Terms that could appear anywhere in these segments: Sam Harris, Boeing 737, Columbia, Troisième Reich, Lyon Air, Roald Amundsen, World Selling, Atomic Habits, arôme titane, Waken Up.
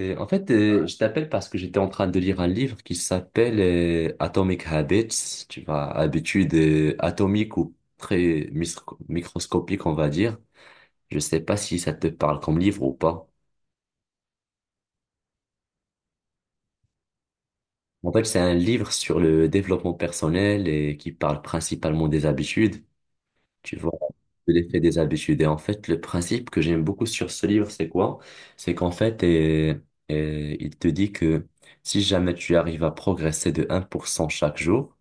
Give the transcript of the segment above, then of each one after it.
Je t'appelle parce que j'étais en train de lire un livre qui s'appelle Atomic Habits, tu vois, habitudes atomiques ou microscopiques, on va dire. Je sais pas si ça te parle comme livre ou pas. En fait, c'est un livre sur le développement personnel et qui parle principalement des habitudes, tu vois, de l'effet des habitudes. Et en fait, le principe que j'aime beaucoup sur ce livre, c'est quoi? C'est qu'en fait, il te dit que si jamais tu arrives à progresser de un pour cent chaque jour,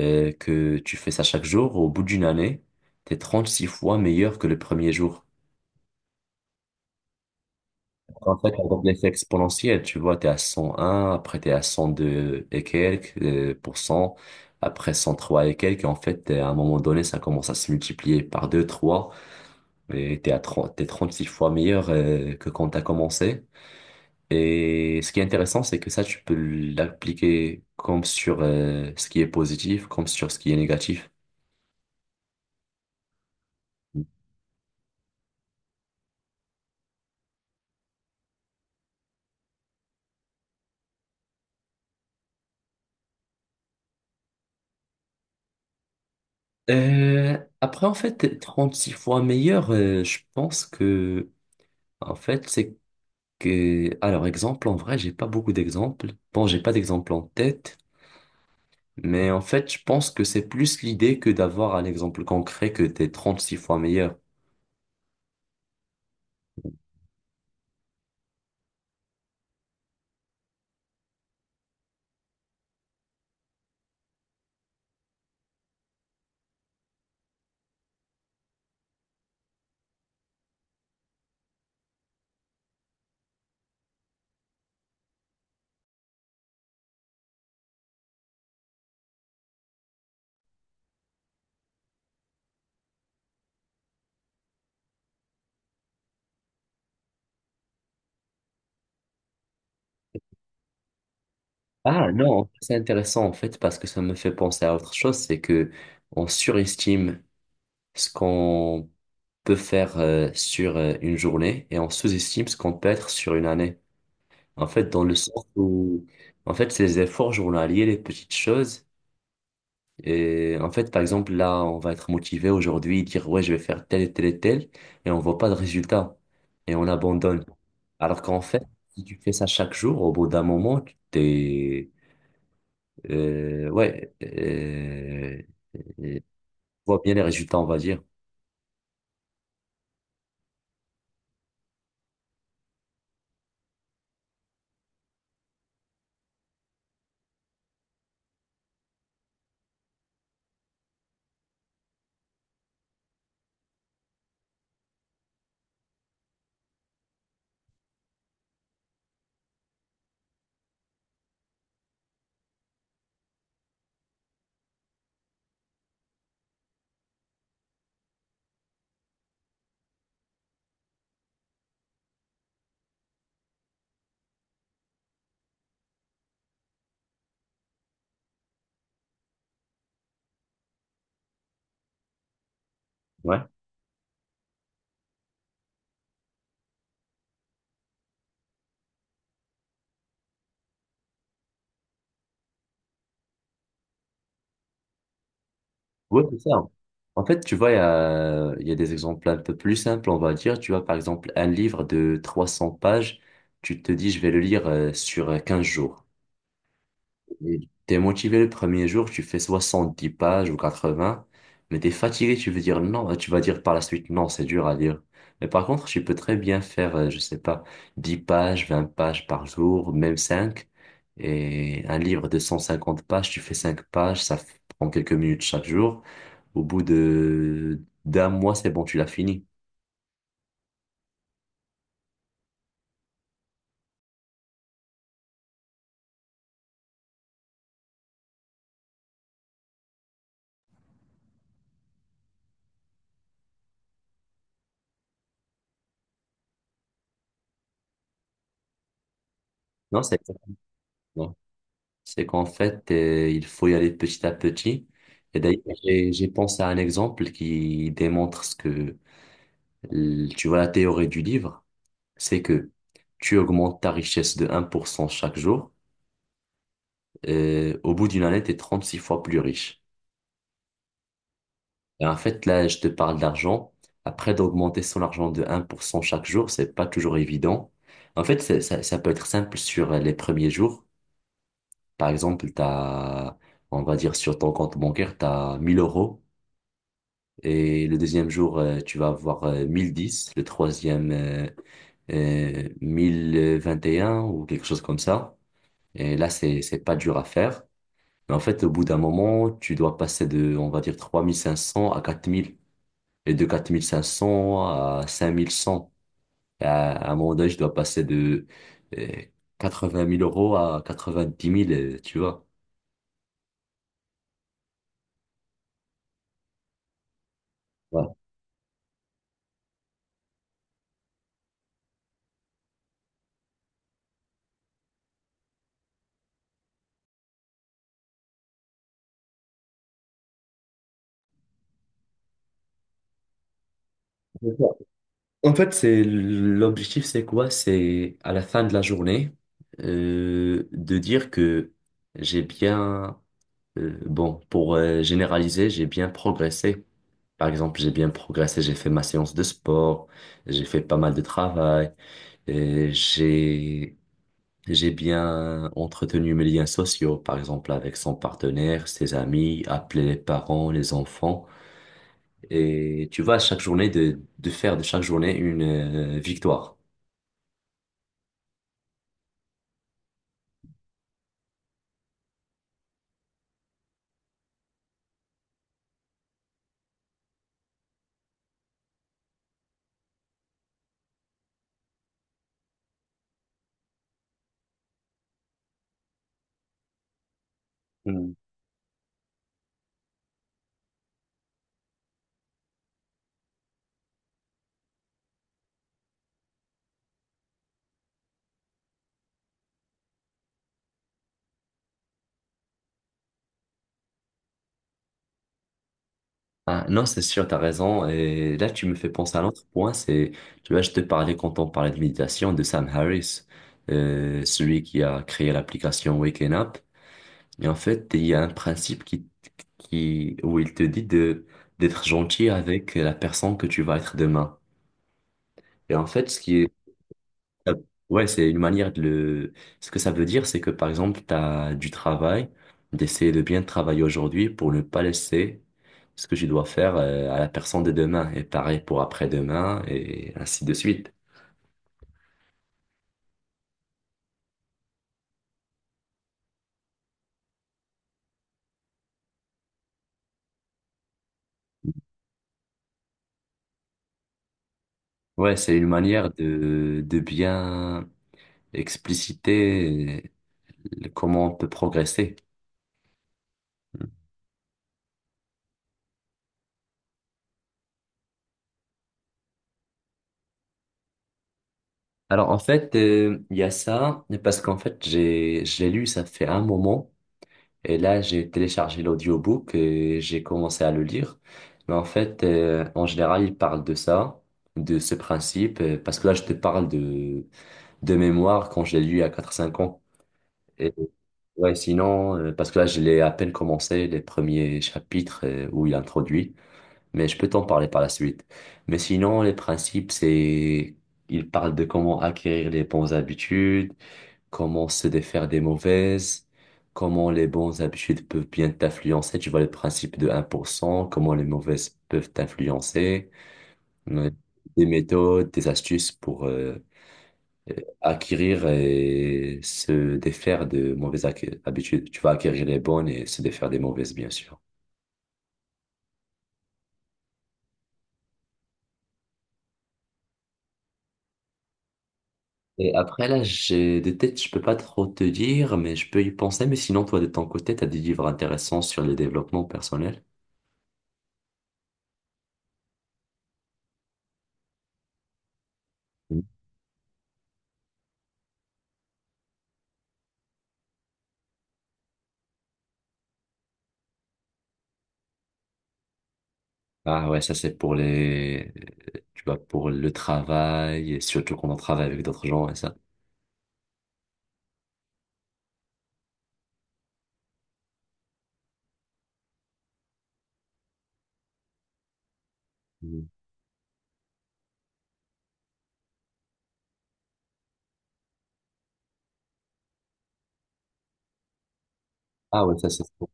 que tu fais ça chaque jour, au bout d'une année, t'es 36 fois meilleur que le premier jour. En fait, on voit l'effet exponentiel, tu vois, t'es à 101, après t'es à 102 et quelques pour cent, après 103 et quelques, et en fait, à un moment donné, ça commence à se multiplier par 2, 3. Et t'es 36 fois meilleur que quand t'as commencé. Et ce qui est intéressant, c'est que ça, tu peux l'appliquer comme sur ce qui est positif, comme sur ce qui est négatif. Après, en fait, 36 fois meilleur, je pense que, en fait, c'est que, alors, exemple, en vrai, j'ai pas beaucoup d'exemples. Bon, j'ai pas d'exemple en tête, mais en fait, je pense que c'est plus l'idée que d'avoir un exemple concret que t'es six fois meilleur. Ah non, c'est intéressant en fait parce que ça me fait penser à autre chose, c'est que on surestime ce qu'on peut faire sur une journée et on sous-estime ce qu'on peut être sur une année. En fait, dans le sens où, en fait, ces efforts journaliers, les petites choses, et en fait, par exemple, là, on va être motivé aujourd'hui, dire, ouais, je vais faire tel et tel et tel, et on voit pas de résultat, et on abandonne. Alors qu'en fait, si tu fais ça chaque jour, au bout d'un moment, euh, ouais, euh, tu vois bien les résultats, on va dire. Ouais. Oui, c'est ça. En fait, tu vois, il y a des exemples un peu plus simples, on va dire. Tu vois, par exemple, un livre de 300 pages, tu te dis, je vais le lire sur 15 jours. Et t'es motivé le premier jour, tu fais 70 pages ou 80, mais t'es fatigué, tu veux dire non, tu vas dire par la suite, non, c'est dur à lire. Mais par contre, tu peux très bien faire, je sais pas, 10 pages, 20 pages par jour, même 5. Et un livre de 150 pages, tu fais 5 pages, prend quelques minutes chaque jour. Au bout de d'un mois, c'est bon, tu l'as fini. Non, c'est exactement. C'est qu'en fait, il faut y aller petit à petit. Et d'ailleurs, j'ai pensé à un exemple qui démontre ce que, tu vois, la théorie du livre, c'est que tu augmentes ta richesse de un pour cent chaque jour. Et au bout d'une année, tu es six fois plus riche. Et en fait, là, je te parle d'argent. Après, d'augmenter son argent de un pour cent chaque jour, c'est pas toujours évident. Ça, ça peut être simple sur les premiers jours. Par exemple, on va dire sur ton compte bancaire, t'as 1000 euros et le deuxième jour, tu vas avoir 1010 le troisième, 1021 ou quelque chose comme ça. Et là, c'est pas dur à faire. Mais en fait, au bout d'un moment, tu dois passer de, on va dire, 3500 à 4000 et de 4500 à 5100. Et à un moment donné, je dois passer de euh, vingt mille euros à 90 000, tu vois. Ouais. En fait, c'est l'objectif, c'est quoi? C'est à la fin de la journée de dire que j'ai bien, bon, pour généraliser, j'ai bien progressé. Par exemple, j'ai bien progressé, j'ai fait ma séance de sport, j'ai fait pas mal de travail, et j'ai bien entretenu mes liens sociaux, par exemple avec son partenaire, ses amis, appeler les parents, les enfants. Et tu vois, chaque journée de faire de chaque journée une victoire. Mm. Ah, non, c'est sûr, t'as raison. Et là, tu me fais penser à l'autre point, c'est, tu vois, je te parlais quand on parlait de méditation de Sam Harris, celui qui a créé l'application Waken Up. Et en fait, il y a un principe où il te dit de, d'être gentil avec la personne que tu vas être demain. Et en fait, ce qui Euh, ouais, c'est une manière de le... Ce que ça veut dire, c'est que par exemple, tu as du travail, d'essayer de bien travailler aujourd'hui pour ne pas laisser ce que je dois faire à la personne de demain, et pareil pour après-demain, et ainsi de suite. Ouais, c'est une manière de bien expliciter comment on peut progresser. Alors en fait, il y a ça, parce qu'en fait, je l'ai lu, ça fait un moment. Et là, j'ai téléchargé l'audiobook et j'ai commencé à le lire. Mais en fait, en général, il parle de ça, de ce principe, parce que là, je te parle de mémoire quand je l'ai lu à quatre cinq ans. Et ouais, sinon, parce que là, je l'ai à peine commencé les premiers chapitres où il introduit, mais je peux t'en parler par la suite. Mais sinon, les principes, c'est, il parle de comment acquérir les bonnes habitudes, comment se défaire des mauvaises, comment les bonnes habitudes peuvent bien t'influencer, tu vois le principe de un pour cent. Comment les mauvaises peuvent t'influencer, ouais, des méthodes, des astuces pour euh, acquérir et se défaire de habitudes. Tu vas acquérir les bonnes et se défaire des mauvaises, bien sûr. Et après, là, j'ai de tête, je peux pas trop te dire, mais je peux y penser. Mais sinon, toi, de ton côté, tu as des livres intéressants sur le développement personnel. Ah ouais, ça c'est pour les, tu vois, pour le travail, et surtout quand on travaille avec d'autres gens et ça. Mhm. Ah ouais, ça c'est trop.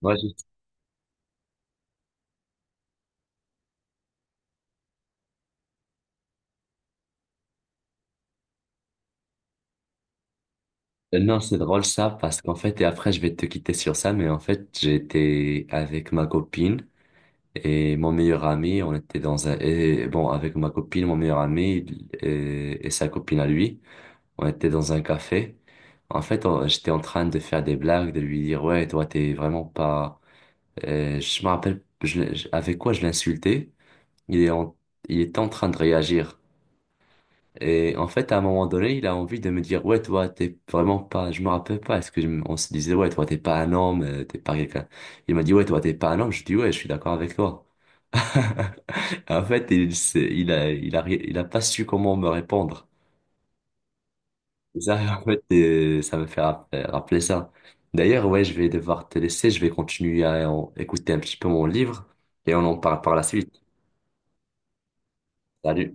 Moi, je- Non, c'est drôle ça, parce qu'en fait, et après je vais te quitter sur ça, mais en fait, j'étais avec ma copine et mon meilleur ami, on était dans un, et bon, avec ma copine, mon meilleur ami et sa copine à lui, on était dans un café. En fait, j'étais en train de faire des blagues, de lui dire, ouais, toi, t'es vraiment pas, je me rappelle, je l'ai- je- avec quoi je l'insultais? il est en, il est en train de réagir. Et en fait, à un moment donné, il a envie de me dire, ouais, toi, t'es vraiment pas, je me rappelle pas, est-ce que je me- on se disait, ouais, toi, t'es pas un homme, t'es pas quelqu'un. Il m'a dit, ouais, toi, t'es pas un homme. Je dis, ouais, je suis d'accord avec toi. En fait, il, s'est- il a, ri- il a pas su comment me répondre. Et ça, en fait, ça me fait rappeler, rappeler ça. D'ailleurs, ouais, je vais devoir te laisser, je vais continuer écouter un petit peu mon livre et on en parle par la suite. Salut.